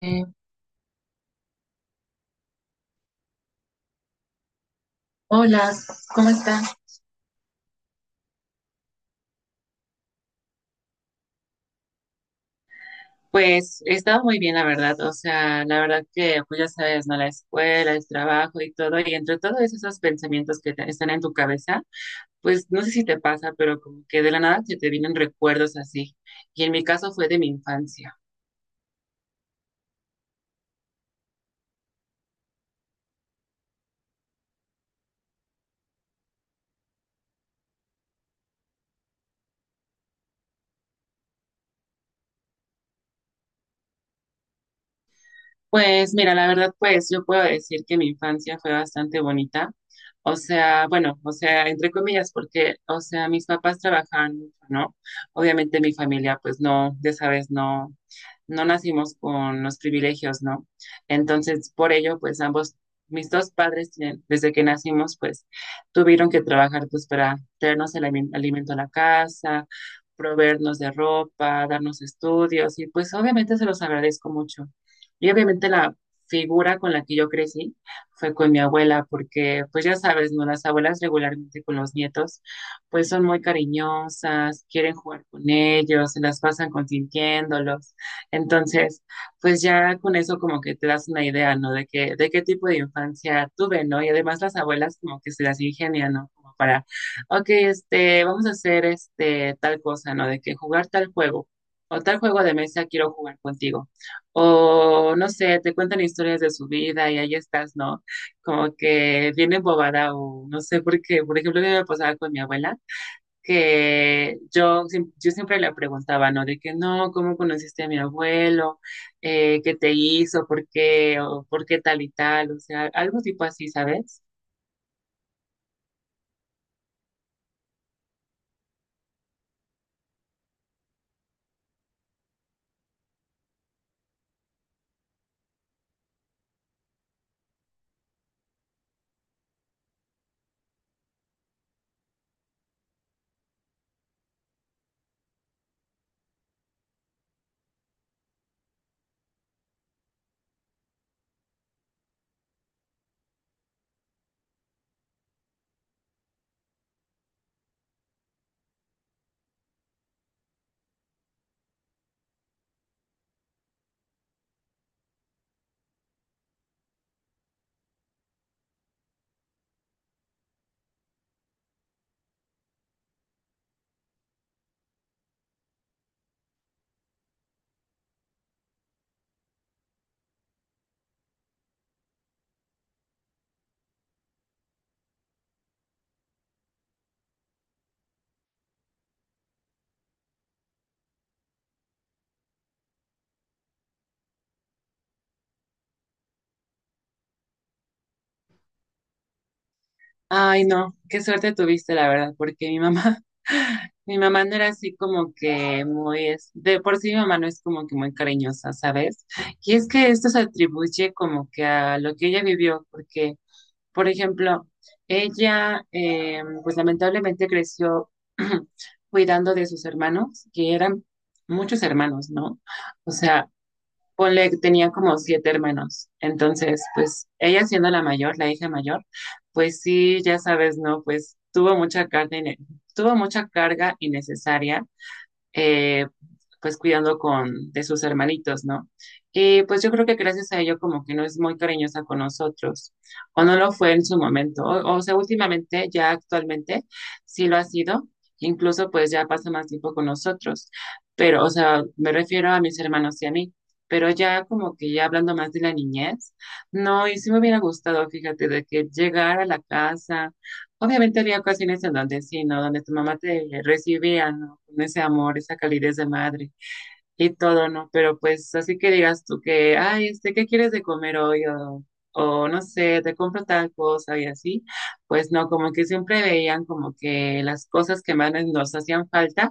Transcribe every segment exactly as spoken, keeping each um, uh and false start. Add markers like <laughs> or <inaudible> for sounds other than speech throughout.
Eh, hola, ¿cómo está? Pues he estado muy bien, la verdad. O sea, la verdad que, pues ya sabes, ¿no? La escuela, el trabajo y todo. Y entre todos esos pensamientos que te- están en tu cabeza, pues no sé si te pasa, pero como que de la nada se te vienen recuerdos así. Y en mi caso fue de mi infancia. Pues mira, la verdad, pues yo puedo decir que mi infancia fue bastante bonita. O sea, bueno, o sea, entre comillas, porque, o sea, mis papás trabajaban mucho, ¿no? Obviamente mi familia, pues no, ya sabes, no, no nacimos con los privilegios, ¿no? Entonces, por ello, pues ambos, mis dos padres, tienen- desde que nacimos, pues tuvieron que trabajar, pues para traernos el alime- alimento a la casa, proveernos de ropa, darnos estudios, y pues obviamente se los agradezco mucho. Y obviamente la figura con la que yo crecí fue con mi abuela, porque pues ya sabes, ¿no? Las abuelas regularmente con los nietos, pues son muy cariñosas, quieren jugar con ellos, se las pasan consintiéndolos. Entonces, pues ya con eso como que te das una idea, ¿no? De qué, de qué tipo de infancia tuve, ¿no? Y además las abuelas como que se las ingenian, ¿no? Como para, ok, este, vamos a hacer este tal cosa, ¿no? De que jugar tal juego o tal juego de mesa quiero jugar contigo. O no sé, te cuentan historias de su vida y ahí estás, ¿no? Como que viene bobada o no sé por qué. Por ejemplo, a mí me pasaba con mi abuela, que yo, siem- yo siempre le preguntaba, ¿no? De que no, ¿cómo conociste a mi abuelo? Eh, ¿qué te hizo? ¿Por qué? ¿O por qué tal y tal? O sea, algo tipo así, ¿sabes? Ay, no, qué suerte tuviste, la verdad, porque mi mamá, <laughs> mi mamá no era así como que muy, es- de por sí mi mamá no es como que muy cariñosa, ¿sabes? Y es que esto se atribuye como que a lo que ella vivió, porque, por ejemplo, ella, eh, pues lamentablemente creció <clears throat> cuidando de sus hermanos, que eran muchos hermanos, ¿no? O sea, ponle, que tenía como siete hermanos. Entonces, pues ella siendo la mayor, la hija mayor, pues sí, ya sabes, ¿no? Pues tuvo mucha carga, ine- tuvo mucha carga innecesaria. eh, pues cuidando con de sus hermanitos, ¿no? Y pues yo creo que gracias a ello como que no es muy cariñosa con nosotros, o no lo fue en su momento, o, o sea, últimamente, ya actualmente, sí lo ha sido, incluso pues ya pasa más tiempo con nosotros, pero, o sea, me refiero a mis hermanos y a mí, pero ya como que ya hablando más de la niñez, no, y sí me hubiera gustado, fíjate, de que llegar a la casa, obviamente había ocasiones en donde sí, ¿no? Donde tu mamá te recibía, ¿no? Con ese amor, esa calidez de madre y todo, ¿no? Pero pues así que digas tú que, ay, este, ¿qué quieres de comer hoy? O, o no sé, te compro tal cosa y así. Pues no, como que siempre veían como que las cosas que más nos hacían falta,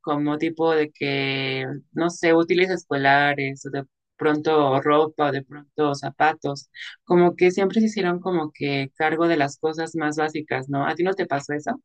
como tipo de que, no sé, útiles escolares, o de pronto ropa, o de pronto zapatos, como que siempre se hicieron como que cargo de las cosas más básicas, ¿no? ¿A ti no te pasó eso?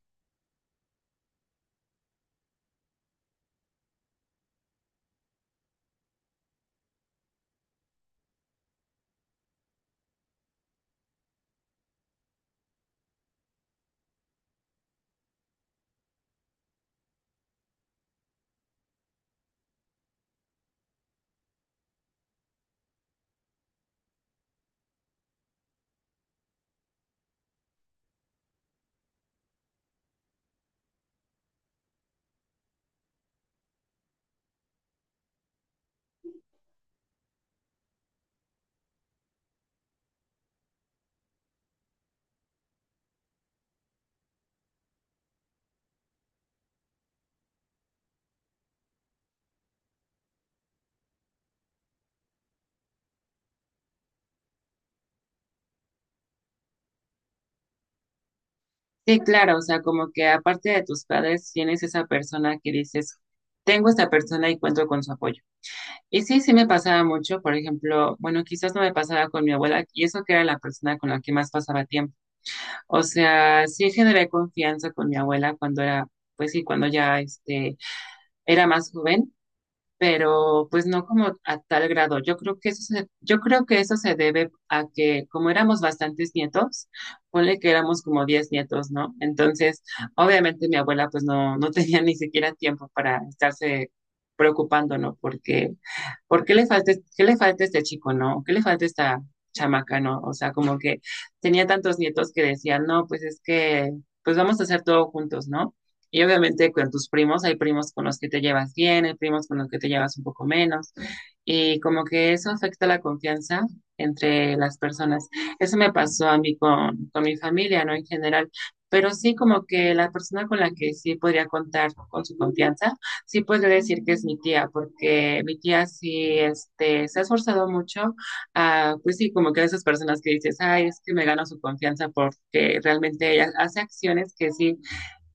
Sí, claro, o sea, como que aparte de tus padres, tienes esa persona que dices, tengo esta persona y cuento con su apoyo. Y sí, sí me pasaba mucho, por ejemplo, bueno, quizás no me pasaba con mi abuela, y eso que era la persona con la que más pasaba tiempo. O sea, sí generé confianza con mi abuela cuando era, pues sí, cuando ya este, era más joven, pero pues no como a tal grado. Yo creo que eso se, yo creo que eso se debe a que como éramos bastantes nietos, ponle que éramos como diez nietos, ¿no? Entonces, obviamente mi abuela pues no, no <laughs> tenía ni siquiera tiempo para estarse preocupando, ¿no? Porque ¿por qué le falta, qué le falta a este chico, no? ¿Qué le falta a esta chamaca, no? O sea, como que tenía tantos nietos que decían, no, pues es que, pues vamos a hacer todo juntos, ¿no? Y obviamente con tus primos, hay primos con los que te llevas bien, hay primos con los que te llevas un poco menos. Y como que eso afecta la confianza entre las personas. Eso me pasó a mí con, con mi familia, ¿no? En general. Pero sí como que la persona con la que sí podría contar con su confianza sí podría decir que es mi tía, porque mi tía sí este, se ha esforzado mucho, ah, pues sí, como que esas personas que dices, ay, es que me gano su confianza porque realmente ella hace acciones que sí,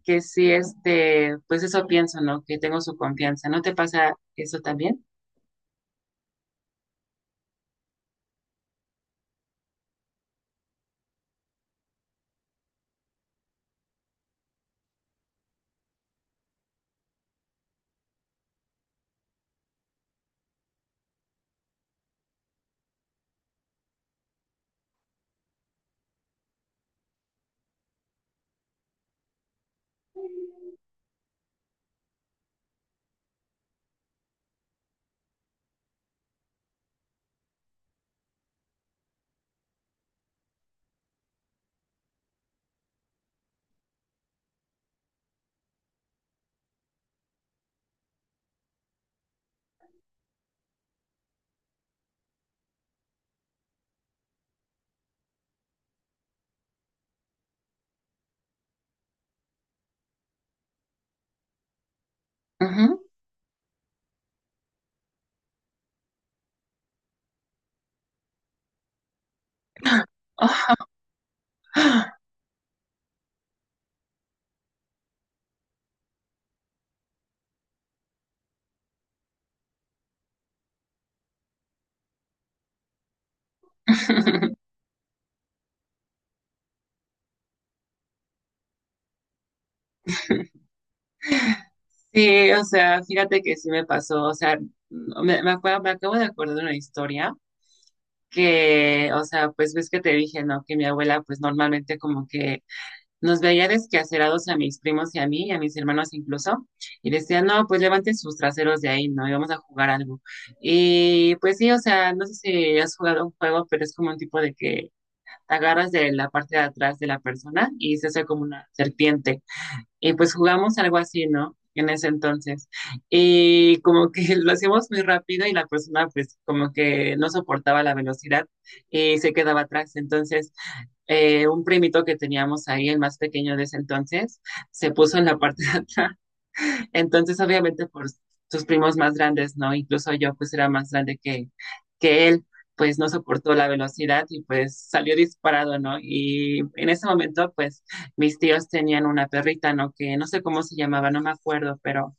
que sí, este, pues eso pienso, ¿no? Que tengo su confianza. ¿No te pasa eso también? Ujú. <laughs> Sí, o sea, fíjate que sí me pasó, o sea, me, me acuerdo, me acabo de acordar de una historia que, o sea, pues ves que te dije, ¿no? Que mi abuela, pues normalmente como que nos veía desquacerados a mis primos y a mí, y a mis hermanos incluso, y decía, no, pues levanten sus traseros de ahí, ¿no? Y vamos a jugar algo. Y pues sí, o sea, no sé si has jugado un juego, pero es como un tipo de que te agarras de la parte de atrás de la persona y se hace como una serpiente. Y pues jugamos algo así, ¿no? En ese entonces. Y como que <laughs> lo hacíamos muy rápido y la persona pues como que no soportaba la velocidad y se quedaba atrás. Entonces eh, un primito que teníamos ahí, el más pequeño de ese entonces, se puso en la parte de atrás. <laughs> Entonces, obviamente, por sus primos más grandes, ¿no? Incluso yo, pues, era más grande que, que él, pues, no soportó la velocidad y, pues, salió disparado, ¿no? Y en ese momento, pues, mis tíos tenían una perrita, ¿no? Que no sé cómo se llamaba, no me acuerdo, pero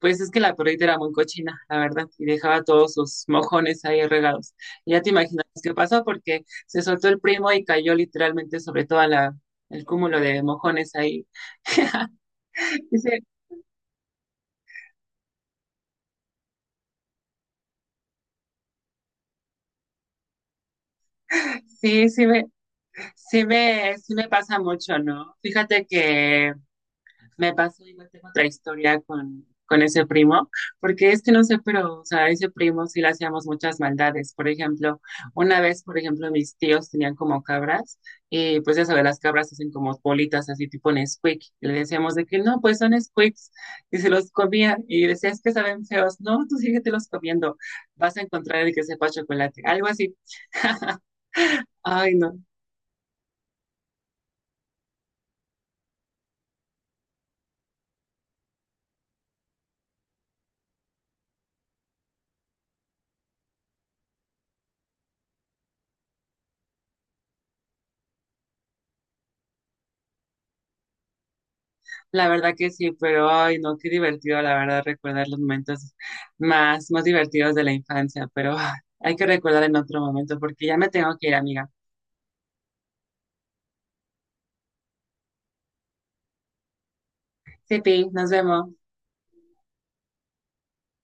pues es que la perrita era muy cochina, la verdad, y dejaba todos sus mojones ahí regados. Y ya te imaginas qué pasó porque se soltó el primo y cayó literalmente sobre toda la el cúmulo de mojones ahí. <laughs> Dice, sí, sí me, sí me, sí me pasa mucho, ¿no? Fíjate que me pasó igual, tengo otra historia con, con ese primo, porque es que no sé, pero, o sea, ese primo sí le hacíamos muchas maldades. Por ejemplo, una vez, por ejemplo, mis tíos tenían como cabras, y pues ya sabes, las cabras hacen como bolitas así tipo Nesquik, y le decíamos de que no, pues son Nesquiks, y se los comía, y decía, es que saben feos, no, tú síguete comiendo, vas a encontrar el que sepa chocolate, algo así. Ay, no, la verdad que sí, pero ay, no, qué divertido, la verdad, recordar los momentos más, más divertidos de la infancia, pero ah, hay que recordar en otro momento porque ya me tengo que ir, amiga. Sipi, nos vemos.